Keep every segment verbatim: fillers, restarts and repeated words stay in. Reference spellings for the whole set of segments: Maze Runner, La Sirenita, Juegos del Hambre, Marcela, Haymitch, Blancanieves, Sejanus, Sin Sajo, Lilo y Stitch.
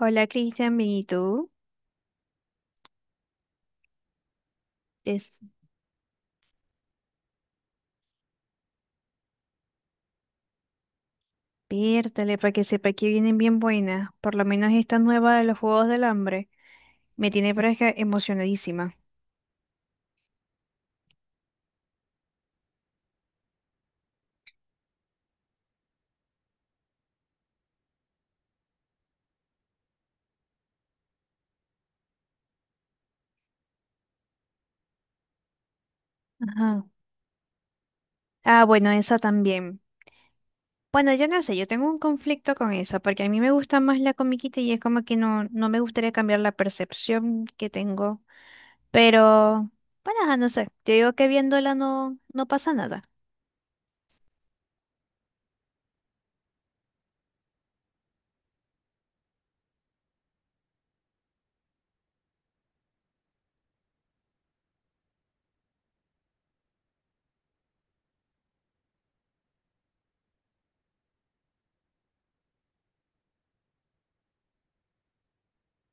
Hola Cristian, bien, ¿y tú? Despiértale para que sepa que vienen bien buenas. Por lo menos esta nueva de los Juegos del Hambre me tiene pero es que emocionadísima. Ajá. Ah, bueno, esa también. Bueno, yo no sé, yo tengo un conflicto con esa porque a mí me gusta más la comiquita y es como que no, no me gustaría cambiar la percepción que tengo. Pero, bueno, ajá, no sé, te digo que viéndola no, no pasa nada.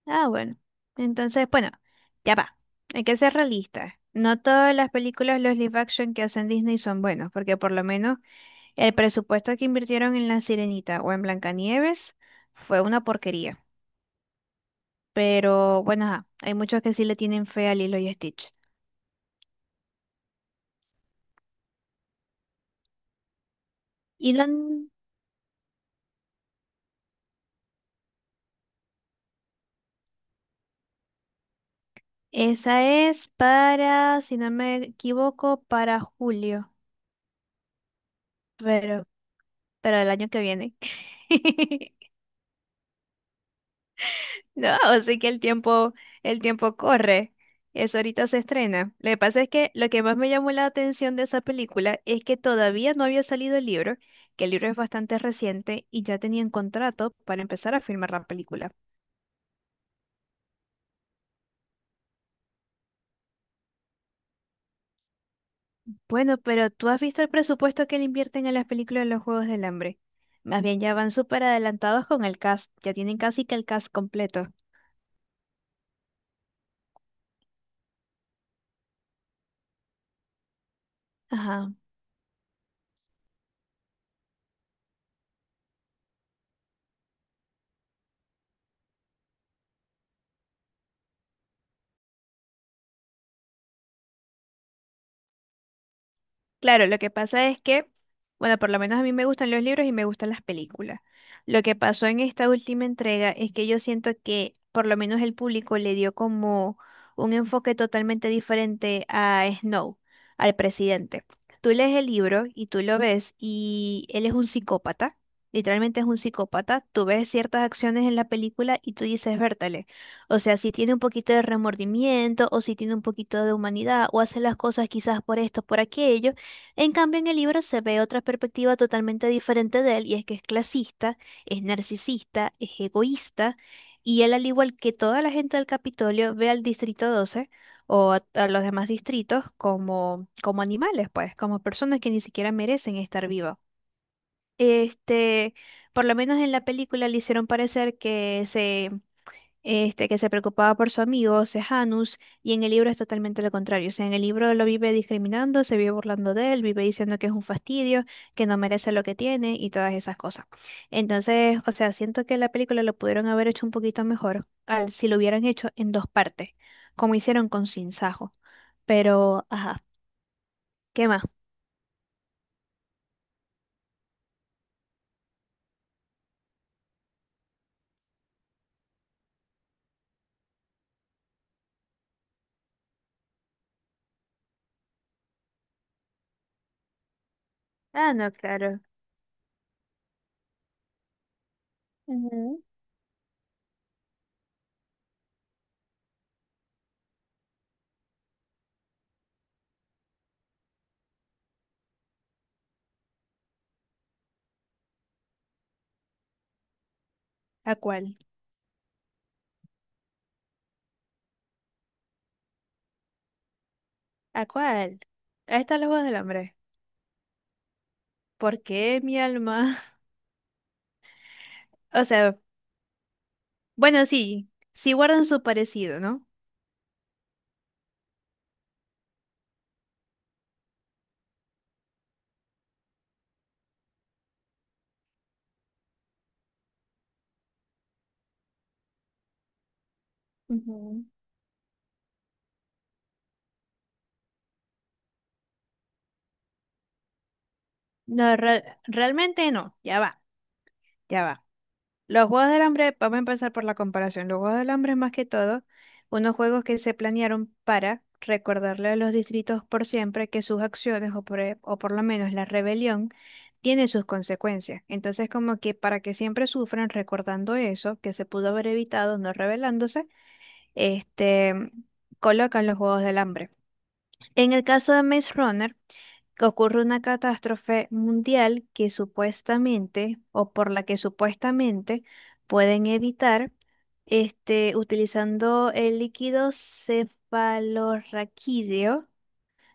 Ah, bueno. Entonces, bueno, ya va. Hay que ser realistas. No todas las películas, los live action que hacen Disney son buenos, porque por lo menos el presupuesto que invirtieron en La Sirenita o en Blancanieves fue una porquería. Pero bueno, ajá, hay muchos que sí le tienen fe a Lilo y Stitch. Y lo han- esa es para, si no me equivoco, para julio, pero, pero el año que viene. No, así que el tiempo, el tiempo corre. Eso ahorita se estrena. Lo que pasa es que lo que más me llamó la atención de esa película es que todavía no había salido el libro, que el libro es bastante reciente y ya tenían contrato para empezar a filmar la película. Bueno, pero tú has visto el presupuesto que le invierten a las películas de los Juegos del Hambre. Más bien ya van súper adelantados con el cast, ya tienen casi que el cast completo. Ajá. Claro, lo que pasa es que, bueno, por lo menos a mí me gustan los libros y me gustan las películas. Lo que pasó en esta última entrega es que yo siento que por lo menos el público le dio como un enfoque totalmente diferente a Snow, al presidente. Tú lees el libro y tú lo ves y él es un psicópata, literalmente es un psicópata. Tú ves ciertas acciones en la película y tú dices, vértale, o sea, si tiene un poquito de remordimiento o si tiene un poquito de humanidad o hace las cosas quizás por esto, por aquello. En cambio, en el libro se ve otra perspectiva totalmente diferente de él, y es que es clasista, es narcisista, es egoísta, y él, al igual que toda la gente del Capitolio, ve al Distrito doce o a, a los demás distritos como, como animales, pues, como personas que ni siquiera merecen estar vivas. Este, por lo menos en la película le hicieron parecer que se este, que se preocupaba por su amigo Sejanus, y en el libro es totalmente lo contrario. O sea, en el libro lo vive discriminando, se vive burlando de él, vive diciendo que es un fastidio, que no merece lo que tiene y todas esas cosas. Entonces, o sea, siento que la película lo pudieron haber hecho un poquito mejor al, si lo hubieran hecho en dos partes, como hicieron con Sin Sajo. Pero, ajá, ¿qué más? Ah, no, claro. Ujú. ¿A cuál? ¿A cuál? Ahí está los Juegos del Hambre. ¿Por qué mi alma? O sea, Bueno, sí, sí guardan su parecido, ¿no? Ujú. No, re- realmente no, ya va, ya va. Los Juegos del Hambre, vamos a empezar por la comparación. Los Juegos del Hambre, más que todo, unos juegos que se planearon para recordarle a los distritos por siempre que sus acciones, o por, e- o por lo menos la rebelión, tiene sus consecuencias. Entonces, como que para que siempre sufran recordando eso, que se pudo haber evitado no rebelándose, este, colocan los Juegos del Hambre. En el caso de Maze Runner, ocurre una catástrofe mundial que supuestamente, o por la que supuestamente pueden evitar, este, utilizando el líquido cefalorraquídeo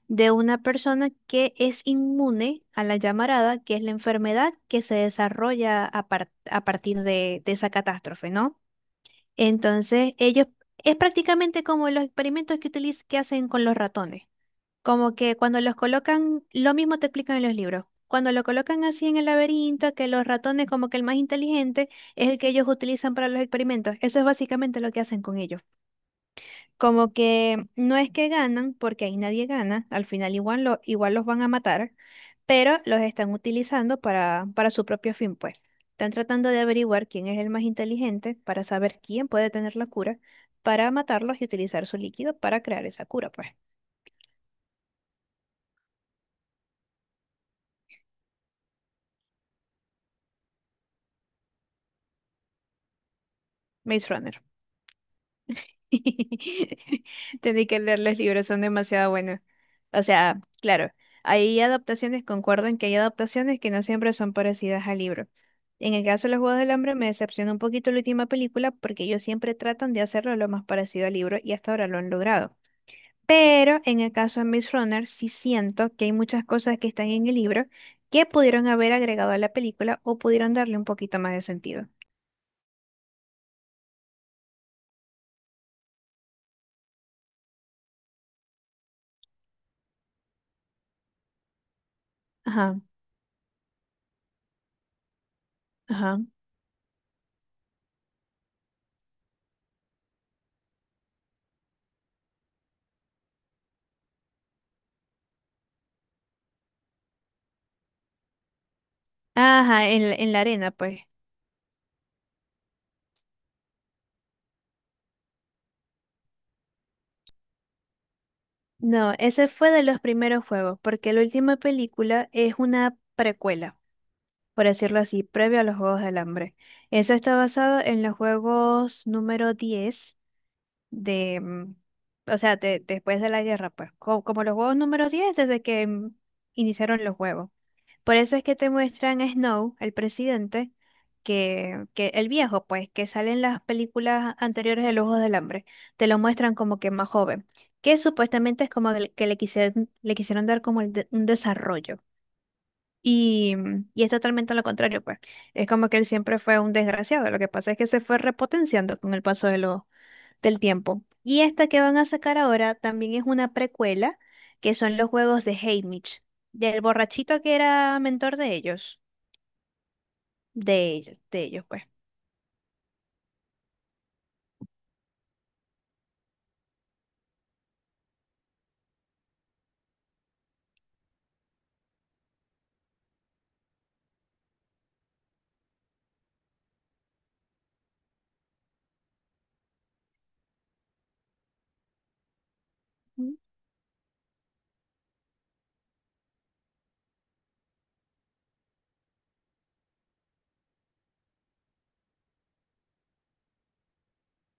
de una persona que es inmune a la llamarada, que es la enfermedad que se desarrolla a, par- a partir de, de esa catástrofe, ¿no? Entonces, ellos, es prácticamente como los experimentos que utiliz- que hacen con los ratones. Como que cuando los colocan, lo mismo te explican en los libros. Cuando lo colocan así en el laberinto, que los ratones, como que el más inteligente, es el que ellos utilizan para los experimentos. Eso es básicamente lo que hacen con ellos. Como que no es que ganan, porque ahí nadie gana, al final igual, lo, igual los van a matar, pero los están utilizando para, para su propio fin, pues. Están tratando de averiguar quién es el más inteligente para saber quién puede tener la cura, para matarlos y utilizar su líquido para crear esa cura, pues. Maze Runner. Tendí que leer los libros, son demasiado buenos. O sea, claro, hay adaptaciones, concuerdo en que hay adaptaciones que no siempre son parecidas al libro. En el caso de los Juegos del Hambre me decepcionó un poquito la última película porque ellos siempre tratan de hacerlo lo más parecido al libro y hasta ahora lo han logrado. Pero en el caso de Miss Runner sí siento que hay muchas cosas que están en el libro que pudieron haber agregado a la película o pudieron darle un poquito más de sentido. Ajá, ajá. Ajá, en, la- en la arena, pues. No, ese fue de los primeros juegos, porque la última película es una precuela, por decirlo así, previo a los Juegos del Hambre. Eso está basado en los juegos número diez de, mm, o sea, de- después de la guerra, pues, co- como, los juegos número diez desde que mm, iniciaron los juegos. Por eso es que te muestran a Snow, el presidente, que, que el viejo, pues, que sale en las películas anteriores de Los Ojos del Hambre, te lo muestran como que más joven, que supuestamente es como el que le quisieron, le quisieron dar como el de- un desarrollo. Y, y es totalmente lo contrario, pues. Es como que él siempre fue un desgraciado. Lo que pasa es que se fue repotenciando con el paso de lo, del tiempo. Y esta que van a sacar ahora también es una precuela, que son los juegos de Haymitch, del borrachito que era mentor de ellos de ellos, de ellos, pues.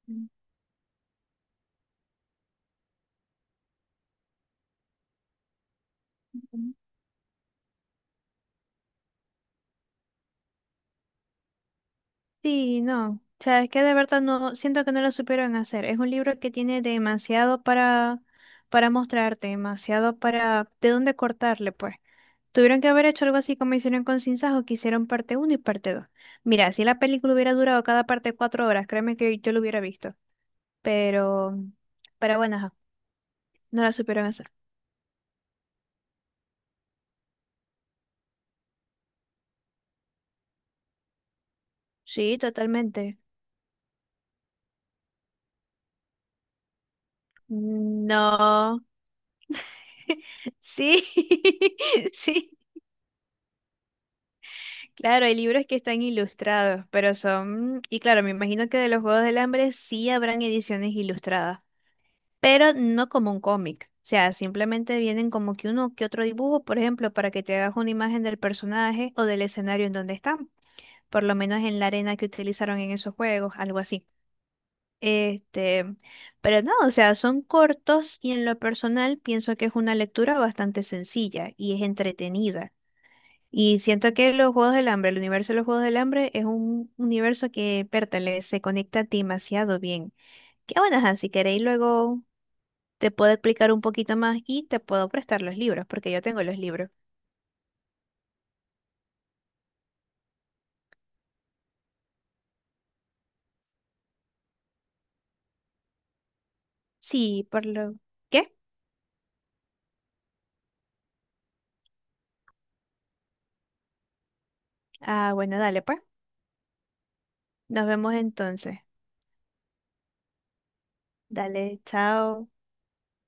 Ujú. Sí, no. O sea, es que de verdad no, siento que no lo supieron hacer. Es un libro que tiene demasiado para, para mostrarte, demasiado para, de dónde cortarle, pues. Tuvieron que haber hecho algo así como hicieron con Sin Sajo, que hicieron parte uno y parte dos. Mira, si la película hubiera durado cada parte cuatro horas, créeme que yo lo hubiera visto. Pero, pero bueno, ajá, no la supieron hacer. Sí, totalmente. No. Sí, sí. Claro, hay libros que están ilustrados, pero son, y claro, me imagino que de los Juegos del Hambre sí habrán ediciones ilustradas, pero no como un cómic. O sea, simplemente vienen como que uno que otro dibujo, por ejemplo, para que te hagas una imagen del personaje o del escenario en donde están, por lo menos en la arena que utilizaron en esos juegos, algo así. Este, pero no, o sea, son cortos y en lo personal pienso que es una lectura bastante sencilla y es entretenida. Y siento que los Juegos del Hambre, el universo de los Juegos del Hambre es un universo que pertenece, se conecta demasiado bien. Que bueno, ajá, si queréis luego te puedo explicar un poquito más y te puedo prestar los libros, porque yo tengo los libros. Sí, por lo... ¿Qué? Ah, bueno, dale pues. Nos vemos entonces. Dale, chao.